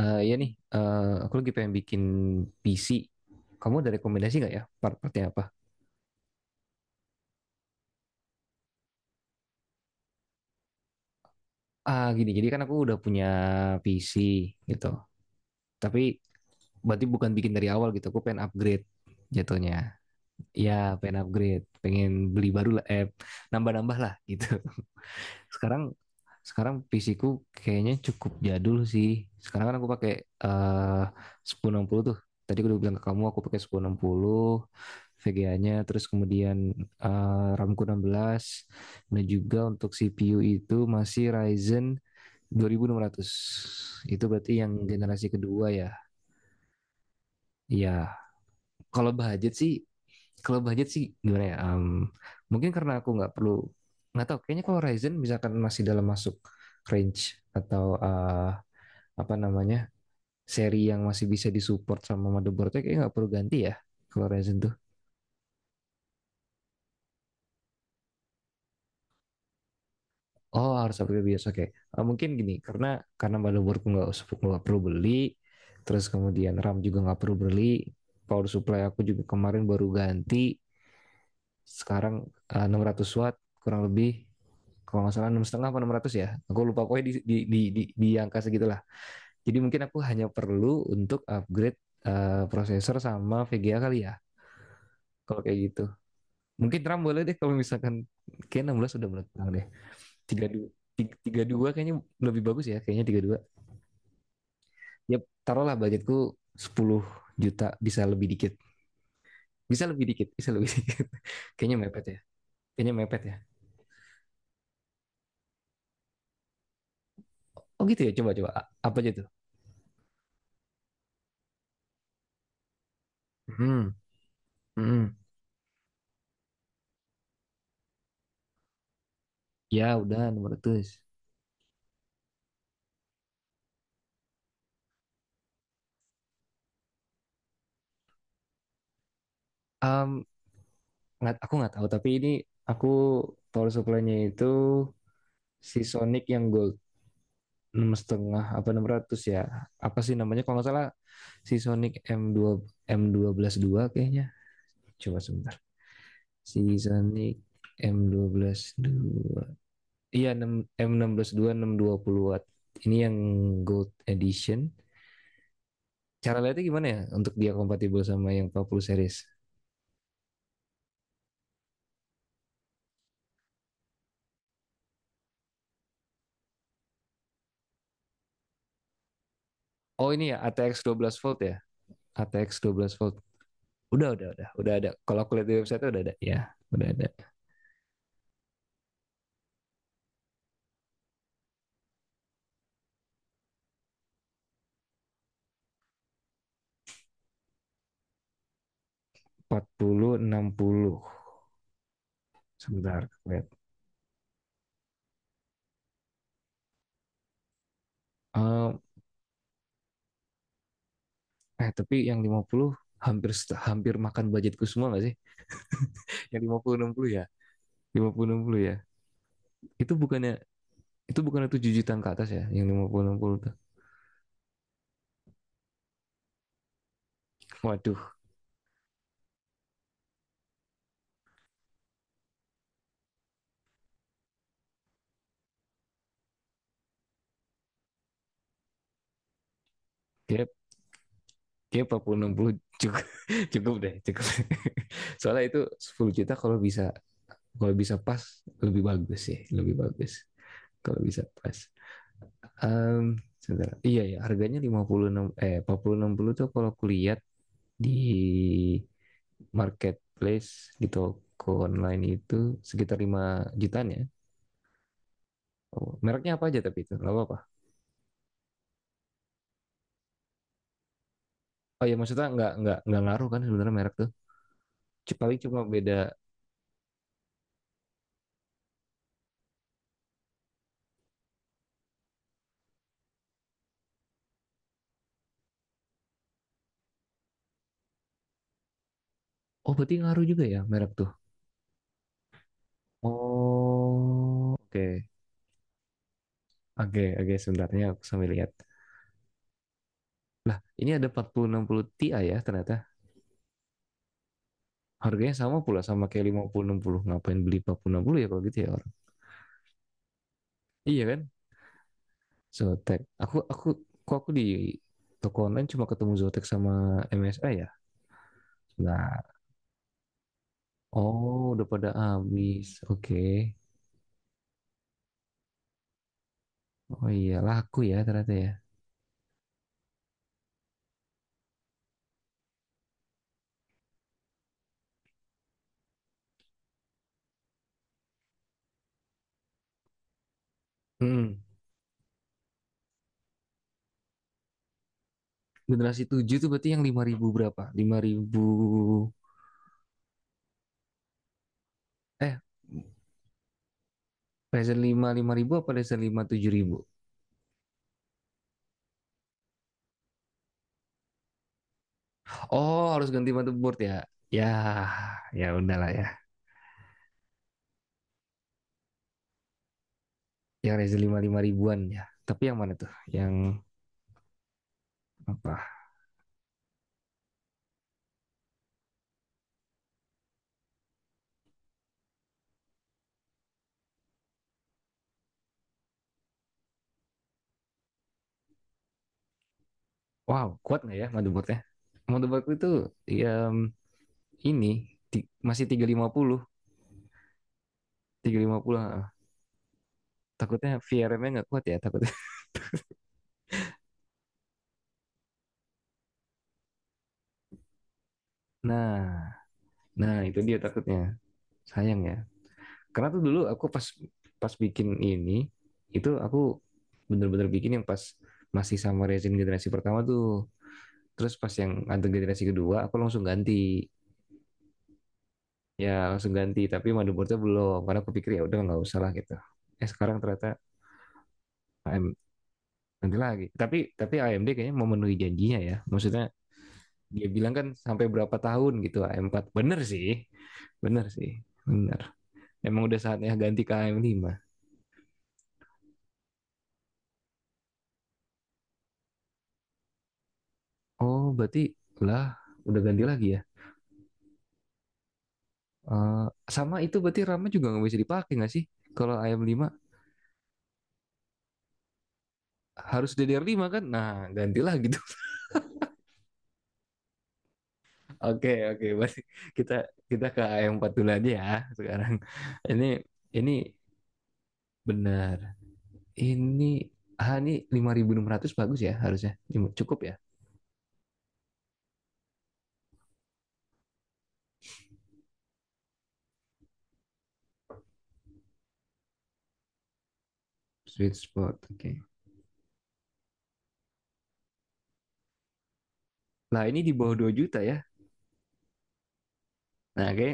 Eh iya nih, aku lagi pengen bikin PC. Kamu ada rekomendasi nggak ya part-partnya apa? Ah gini, jadi kan aku udah punya PC gitu. Tapi berarti bukan bikin dari awal gitu. Aku pengen upgrade jatuhnya. Ya pengen upgrade, pengen beli baru lah, nambah-nambah lah gitu. Sekarang sekarang PC-ku kayaknya cukup jadul sih. Sekarang kan aku pakai 1060 tuh. Tadi aku udah bilang ke kamu aku pakai 1060 VGA-nya, terus kemudian RAM-ku 16, dan juga untuk CPU itu masih Ryzen 2600. Itu berarti yang generasi kedua ya. Iya, kalau budget sih kalau budget sih gimana ya, Em, mungkin karena aku nggak perlu, nggak tahu kayaknya kalau Ryzen misalkan masih dalam masuk range atau, apa namanya, seri yang masih bisa disupport sama motherboardnya, kayaknya nggak perlu ganti ya kalau Ryzen tuh. Oh, harus upgrade biasa kayak, mungkin gini, karena motherboardku nggak perlu beli, terus kemudian RAM juga nggak perlu beli, power supply aku juga kemarin baru ganti, sekarang 600 watt kurang lebih, kalau nggak salah 6,5 apa 600 ya, aku lupa, pokoknya di angka segitulah. Jadi mungkin aku hanya perlu untuk upgrade, prosesor sama VGA kali ya, kalau kayak gitu. Mungkin RAM boleh deh, kalau misalkan kayak 16 udah meledak deh, tiga dua tiga dua kayaknya lebih bagus ya, kayaknya 32 ya. Taruhlah budgetku 10 juta, bisa lebih dikit, bisa lebih dikit, bisa lebih dikit. Kayaknya mepet ya, kayaknya mepet ya. Oh gitu ya, coba coba apa aja tuh. Hmm. Hmm. Ya udah nomor ratus. um, nggak, aku nggak tahu, tapi ini aku power supply-nya itu si Sonic yang gold, enam setengah apa enam ratus ya, apa sih namanya, kalau nggak salah si Sonic, m dua m dua belas dua kayaknya, coba sebentar. Si Sonic m dua belas dua. Iya, M satu enam, m enam dua, 620 watt. Ini yang Gold Edition. Cara lihatnya gimana ya untuk dia kompatibel sama yang 40 series? Oh ini ya ATX belas volt ya. ATX belas volt. Udah ada. Kalau aku lihat di website udah ada ya. Udah ada. 40 puluh enam puluh. Sebentar, aku lihat. Eh, eh, tapi yang lima puluh, hampir hampir makan budgetku semua nggak sih? Yang lima puluh enam puluh ya. Lima puluh enam puluh ya. Itu bukannya Itu bukan 7 jutaan ke atas ya, yang lima puluh enam puluh tuh? Waduh, gap gap 40 60 cukup, cukup deh, cukup. Soalnya itu 10 juta, kalau bisa pas, lebih bagus sih, lebih bagus. Kalau bisa pas. Em, Sebentar. Iya ya, harganya lima puluh enam eh empat puluh enam puluh tuh, kalau kulihat di marketplace, di toko online itu sekitar 5 jutaan ya. Oh, mereknya apa aja tapi itu nggak apa-apa. Oh ya, maksudnya nggak ngaruh kan sebenarnya merek tuh. Paling cuma beda. Oh, berarti ngaruh juga ya merek tuh. Oh, oke. Oke, oke, sebentarnya aku sambil lihat. Lah, ini ada 4060 Ti ya ternyata. Harganya sama pula sama kayak 5060. Ngapain beli empat puluh enam puluh ya kalau gitu ya, orang? Iya kan? Zotac. Aku kok aku di toko online cuma ketemu Zotac sama MSI ya? Nah, oh udah pada habis. Oke. Oh iya, laku ya ternyata ya. Hmm. Generasi 7 tuh berarti yang 5000 berapa? 5000 eh Razer 5 5000 apa Razer lima 7000? Oh, harus ganti motherboard ya. Ya, ya udahlah ya. Yang Razer lima lima ribuan ya. Tapi yang mana tuh? Yang apa? Wow, kuat nggak ya motherboardnya? Motherboard itu ya ini masih 350. Tiga lima puluh. Takutnya VRM-nya nggak kuat ya, takutnya. Nah, nah, itu dia takutnya. Sayang ya. Karena tuh dulu aku pas pas bikin ini, itu aku bener-bener bikin yang pas masih sama resin generasi pertama tuh. Terus pas yang ada generasi kedua, aku langsung ganti. Ya langsung ganti, tapi motherboardnya belum. Karena aku pikir ya udah nggak usah lah gitu. Eh, sekarang ternyata AM nanti lagi. Tapi AMD kayaknya memenuhi janjinya ya. Maksudnya dia bilang kan sampai berapa tahun gitu AM4. Bener sih, bener sih, bener. Emang udah saatnya ganti ke AM5. Oh berarti lah, udah ganti lagi ya. Eh, sama itu berarti RAM-nya juga nggak bisa dipakai nggak sih? Kalau AM5 harus DDR5 kan? Nah, ganti lagi. Oke, oke, masih, kita kita ke am empat dulu aja ya sekarang. Ini ini benar. Ini, ini 5600 bagus ya harusnya. Cukup ya. Sweet spot. Oke. Lah, ini di bawah 2 juta ya. Nah, oke.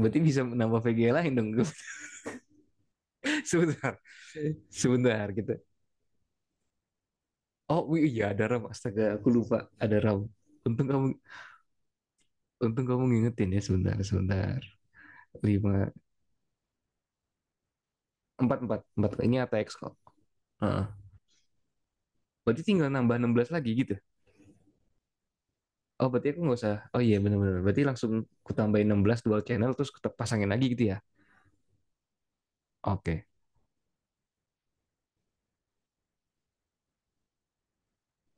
Berarti bisa menambah VGA lain dong. Sebentar. Sebentar kita. Oh, iya, ada RAM. Astaga, aku lupa ada RAM. Untung kamu untung kamu ngingetin ya, sebentar, sebentar. 5 empat, empat, empat, ini ATX kok. Heeh. Berarti tinggal nambah 16 lagi gitu. Oh, berarti aku nggak usah. Oh iya, benar-benar. Berarti langsung ku tambahin 16 dual channel, terus pasangin lagi gitu ya. Oke.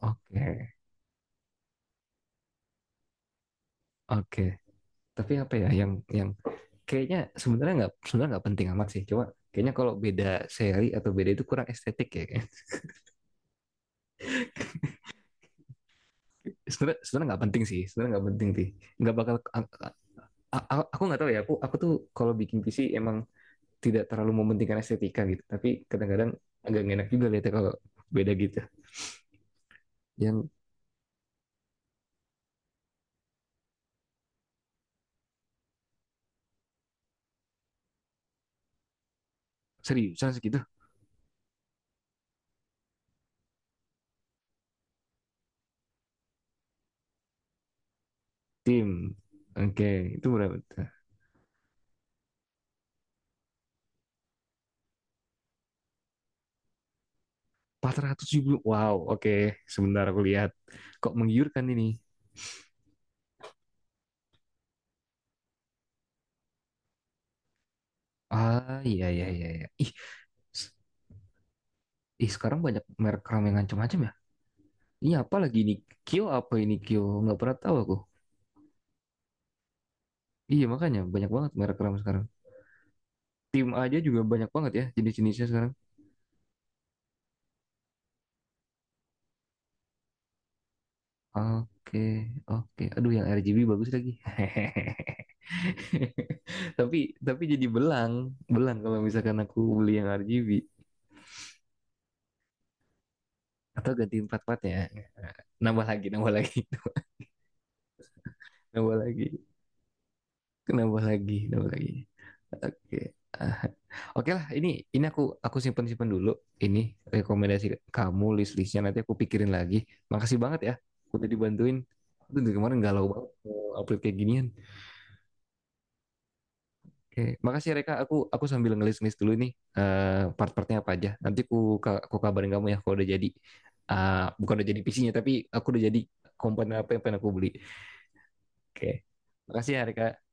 Oke. Oke. Tapi apa ya yang, yang kayaknya sebenarnya nggak, penting amat sih. Coba, kayaknya kalau beda seri atau beda itu kurang estetik ya. Sebenarnya sebenarnya nggak penting sih. Sebenarnya nggak penting sih. Nggak bakal aku nggak tahu ya. Aku tuh kalau bikin PC emang tidak terlalu mementingkan estetika gitu. Tapi kadang-kadang agak enak juga lihatnya kalau beda gitu. Yang seriusan segitu. Tim. Oke, itu berapa tuh? 400 ribu. Wow, oke. Sebentar aku lihat. Kok menggiurkan ini? Ah, iya, iya, iya, iya. Ih, s- ih, sekarang banyak merek ramen macam-macam ya? Ini apa lagi ini? Kyo, apa ini, Kyo? Nggak pernah tahu aku. Iya, makanya banyak banget merek ramen sekarang. Tim aja juga banyak banget ya jenis-jenisnya sekarang. Oke, oke. Aduh, yang RGB bagus lagi. Tapi, tapi, jadi belang. Belang kalau misalkan aku beli yang RGB. Atau ganti empat empat ya, nambah lagi, nambah lagi, nambah lagi, nambah lagi, nambah lagi, oke. Ah, oke lah, ini aku simpen simpen dulu. Ini rekomendasi kamu, list listnya nanti aku pikirin lagi. Makasih banget ya udah dibantuin. Aduh, dari kemarin galau banget mau upload kayak ginian. Oke, makasih ya, Reka, aku sambil ngelis ngelis dulu nih, part-partnya apa aja, nanti aku kabarin kamu ya kalau udah jadi. Ah, bukan udah jadi PC-nya, tapi aku udah jadi komponen apa yang pengen aku beli. Oke. Makasih Harika.